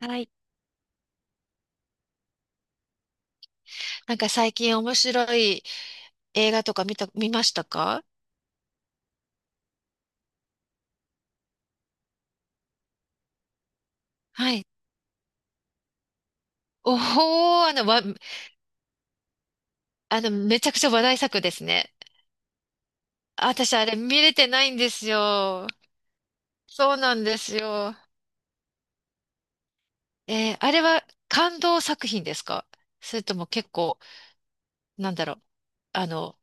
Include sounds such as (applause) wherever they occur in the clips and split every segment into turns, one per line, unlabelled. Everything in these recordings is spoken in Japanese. はい。なんか最近面白い映画とか見た、見ましたか？はい。おお、あの、わ、あの、めちゃくちゃ話題作ですね。あ、私、あれ見れてないんですよ。そうなんですよ。あれは感動作品ですか？それとも結構、なんだろう。あの、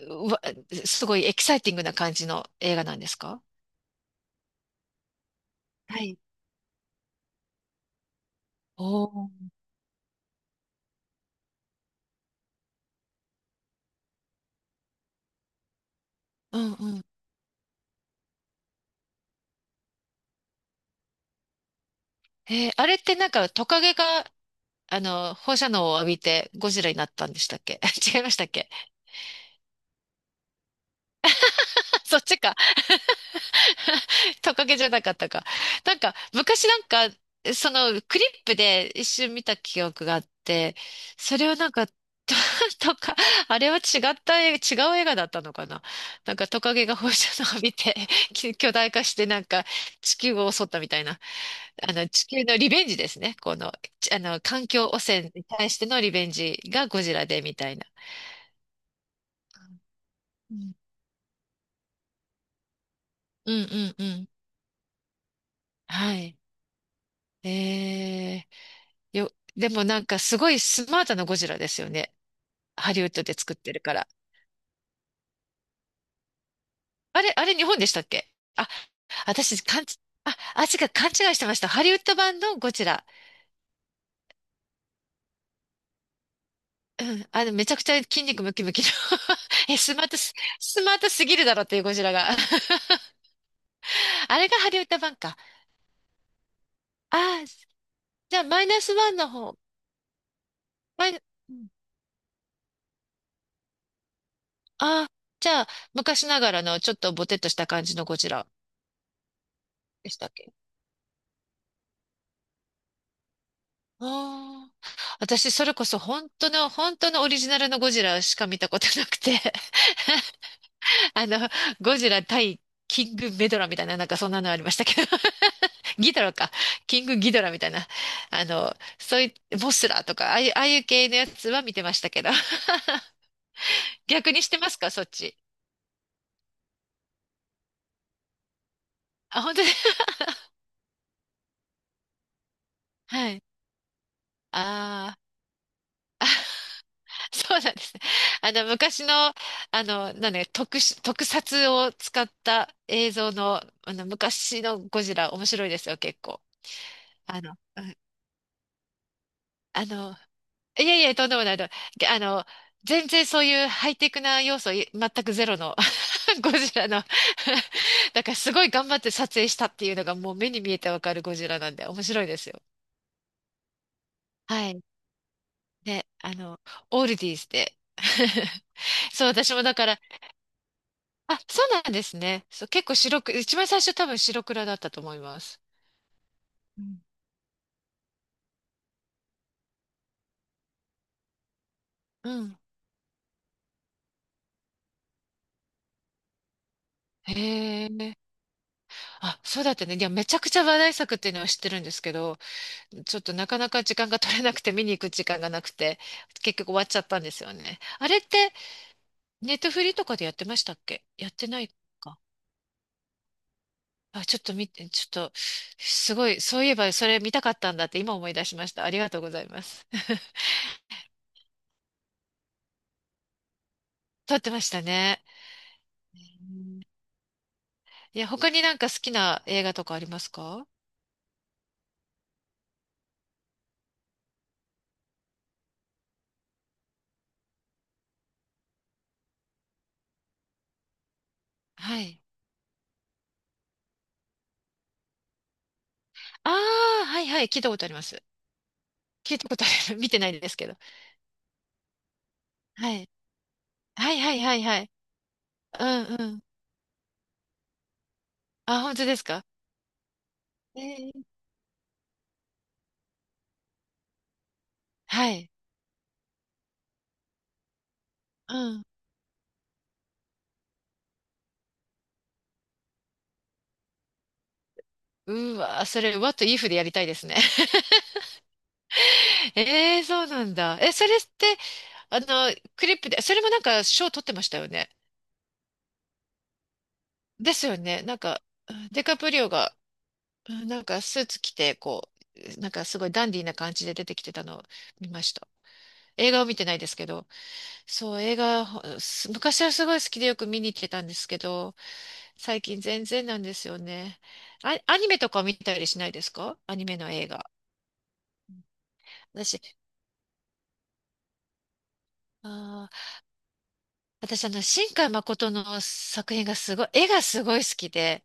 うわ、すごいエキサイティングな感じの映画なんですか？はい。おお。うんうん。あれってなんかトカゲが放射能を浴びてゴジラになったんでしたっけ？ (laughs) 違いましたっけ？ (laughs) そっちか。 (laughs) トカゲじゃなかったか。なんか、昔なんか、その、クリップで一瞬見た記憶があって、それをなんか、と、(laughs) とか、あれは違った映画、違う映画だったのかな？なんかトカゲが放射能を浴びて、(laughs) 巨大化してなんか地球を襲ったみたいな。あの、地球のリベンジですね。この、ちあの、環境汚染に対してのリベンジがゴジラでみたいな。うんうんうんうん。はい。えー、よ、でもなんかすごいスマートなゴジラですよね。ハリウッドで作ってるから。あれ、あれ日本でしたっけ？あ、私、勘違い、あ、あ、違う、勘違いしてました。ハリウッド版のゴジラ。うん。あの、めちゃくちゃ筋肉ムキムキの (laughs) え、スマートす、スマートすぎるだろっていうゴジラが (laughs) あれがハリウッド版か。ああ、じゃあマイナスワンの方。マイナ、ああー、じゃあ昔ながらのちょっとボテッとした感じのゴジラでしたっけ？ああ、私、それこそ本当の、本当のオリジナルのゴジラしか見たことなくて (laughs) あの、ゴジラ対キングメドラみたいな、なんかそんなのありましたけど。 (laughs) ギドラか。キングギドラみたいな。あの、そういう、モスラとか、ああいう系のやつは見てましたけど。 (laughs) 逆にしてますか、そっち。あ、本当に。 (laughs) はい。ああ。(laughs) そうなんですね。あの、昔の、あの、なんだよ特殊、特撮を使った映像の、あの、昔のゴジラ、面白いですよ、結構。あの、うん、あの、いやいや、とんでもないと。げあの、全然そういうハイテクな要素全くゼロの (laughs) ゴジラの (laughs) だからすごい頑張って撮影したっていうのがもう目に見えてわかるゴジラなんで、面白いですよ。はい。で、あの、オールディーズで。(laughs) そう、私もだから、あ、そうなんですね。そう、結構白く、一番最初多分白黒だったと思います。うん。へえ。あ、そうだったね。いや、めちゃくちゃ話題作っていうのは知ってるんですけど、ちょっとなかなか時間が取れなくて見に行く時間がなくて、結局終わっちゃったんですよね。あれって、ネットフリとかでやってましたっけ？やってないか。あ、ちょっと見て、ちょっと、すごい、そういえばそれ見たかったんだって今思い出しました。ありがとうございます。(laughs) 撮ってましたね。うん。いや、他になんか好きな映画とかありますか？はい。ああ、はいはい、聞いたことあります。聞いたことある。 (laughs) 見てないですけど。はい。はいはいはいはい。うんうん。あ、本当ですか？えー。はい。うん。うわ、それ、what if でやりたいですね。(laughs) ええーそうなんだ。え、それって、あの、クリップで、それもなんか賞取ってましたよね。ですよね。なんか、うん、デカプリオが、うん、なんかスーツ着て、なんかすごいダンディーな感じで出てきてたのを見ました。映画を見てないですけど。そう、映画、ほす昔はすごい好きでよく見に行ってたんですけど、最近全然なんですよね。あ、アニメとか見たりしないですか？アニメの映画。私、あー、私、あの、新海誠の作品がすごい、絵がすごい好きで、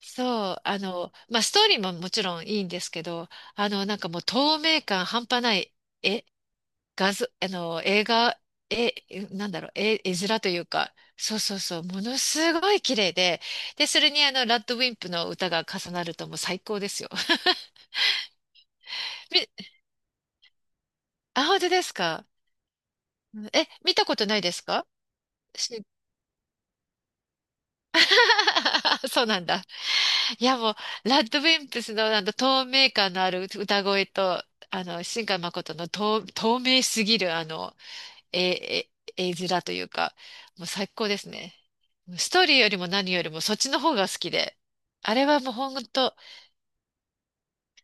そう、あの、まあ、ストーリーももちろんいいんですけど、あの、なんかもう透明感半端ない絵画像、あの、映画、え、なんだろう、絵、絵面というか、そうそうそう、ものすごい綺麗で、で、それにあの、ラッドウィンプの歌が重なるともう最高ですよ。(laughs) み、あ、本当ですか？え、見たことないですか？し (laughs) そうなんだ。いやもう、ラッドウィンプスのあの、透明感のある歌声と、あの、新海誠の透、透明すぎるあの、え、絵面というか、もう最高ですね。ストーリーよりも何よりもそっちの方が好きで。あれはもうほんと、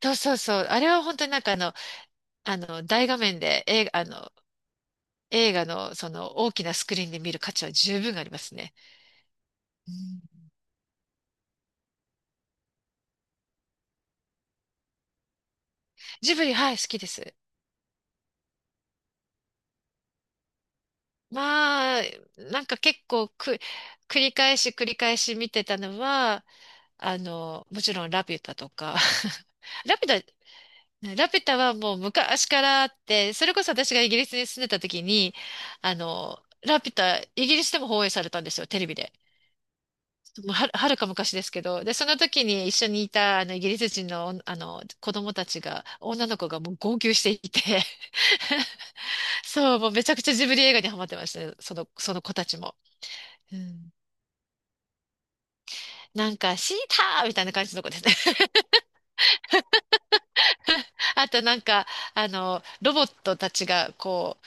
そうそうそう、あれは本当になんかあの、あの、大画面で映画、あの、映画のその大きなスクリーンで見る価値は十分ありますね。うん。ジブリ、はい、好きです。まあ、なんか結構く、繰り返し繰り返し見てたのは、あの、もちろんラピュタとか、(laughs) ラピュタ、ね、ラピュタはもう昔からあって、それこそ私がイギリスに住んでた時に、あの、ラピュタ、イギリスでも放映されたんですよ、テレビで。もうはる、はるか昔ですけど。で、その時に一緒にいた、あの、イギリス人の、あの、子供たちが、女の子がもう号泣していて、(laughs) そう、もうめちゃくちゃジブリ映画にハマってましたね、その子たちも。うん、なんか、シーターみたいな感じの子ですね。(laughs) あと、なんか、あの、ロボットたちが、こ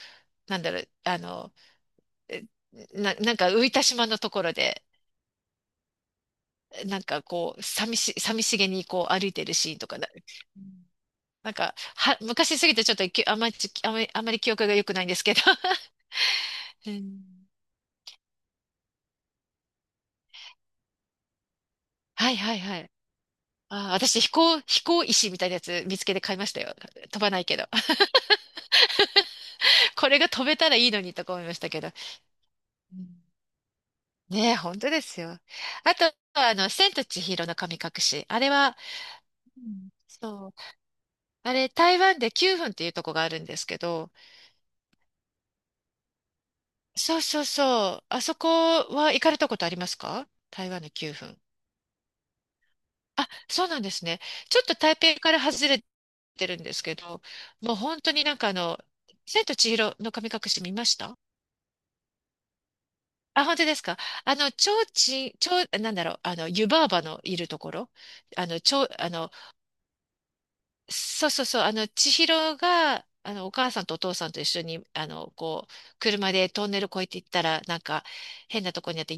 う、なんだろう、あの、えなんか浮いた島のところで、なんかこう、寂しげにこう歩いてるシーンとかな、うん、なんか、は、昔すぎてちょっときあまり、あまり、あまり記憶が良くないんですけど。(laughs) うん。はいはいはい。あー、私飛行、飛行石みたいなやつ見つけて買いましたよ。飛ばないけど。(laughs) これが飛べたらいいのにとか思いましたけど。うん。ねえ、本当ですよ。あと、あの、千と千尋の神隠し。あれは、うん、そう。あれ、台湾で9分っていうとこがあるんですけど、そうそうそう。あそこは行かれたことありますか？台湾の9分。あ、そうなんですね。ちょっと台北から外れてるんですけど、もう本当になんかあの、千と千尋の神隠し見ました？あ、本当ですか？あの、ちょうちん、ちょう、なんだろう、あの、湯婆婆のいるところ、あの、ちょう、あの、そうそうそう、あの、千尋が、あの、お母さんとお父さんと一緒に、あの、こう、車でトンネル越えていったら、なんか、変なとこにあって、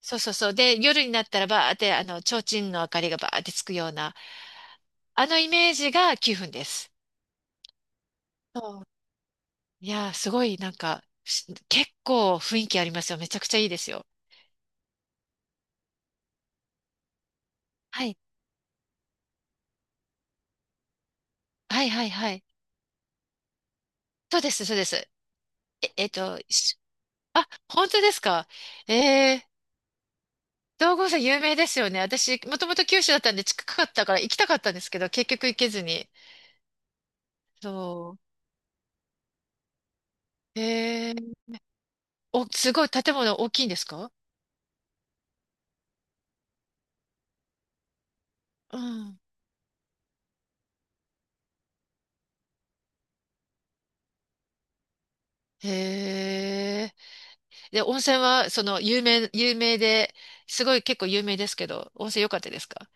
そうそうそう。で、夜になったらばーって、あの、提灯の明かりがばーってつくような、あのイメージが9分です。そう。いやー、すごい、なんか、結構雰囲気ありますよ。めちゃくちゃいいですよ。はい。はいはいはい。そうです、そうです。え、えっと、しあ、本当ですか？えー、道後温泉有名ですよね。私、もともと九州だったんで近かったから行きたかったんですけど、結局行けずに。そう。へえ。お、すごい、建物大きいんですか？うん。へえ。で、温泉は、その、有名で、すごい結構有名ですけど、温泉良かったですか？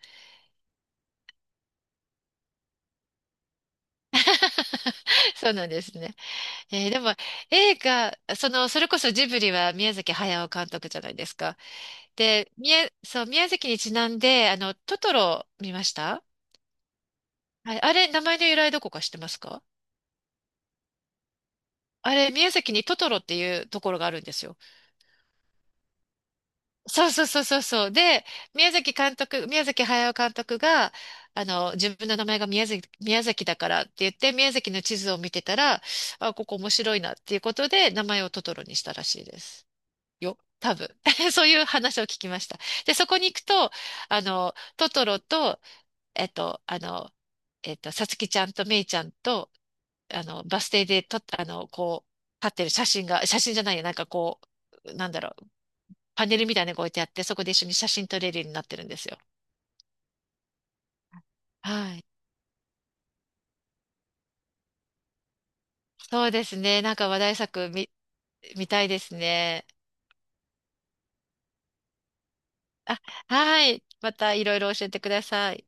(laughs) そうなんですね。でも、映画、その、それこそジブリは宮崎駿監督じゃないですか。で、宮、そう、宮崎にちなんで、あの、トトロ見ました？はい、あれ、名前の由来どこか知ってますか？あれ、宮崎にトトロっていうところがあるんですよ。そうそうそうそうそう。で、宮崎駿監督が、あの、自分の名前が宮崎だからって言って、宮崎の地図を見てたら、あ、ここ面白いなっていうことで、名前をトトロにしたらしいです。よ、多分。(laughs) そういう話を聞きました。で、そこに行くと、あの、トトロと、えっと、あの、えっと、さつきちゃんとめいちゃんと、あの、バス停で撮った、あの、こう、立ってる写真が、写真じゃないや、う、なんだろう、パネルみたいなのが置いてあって、そこで一緒に写真撮れるようになってるんですよ。はい。そうですね。なんか話題作見、見たいですね。あ、はい。またいろいろ教えてください。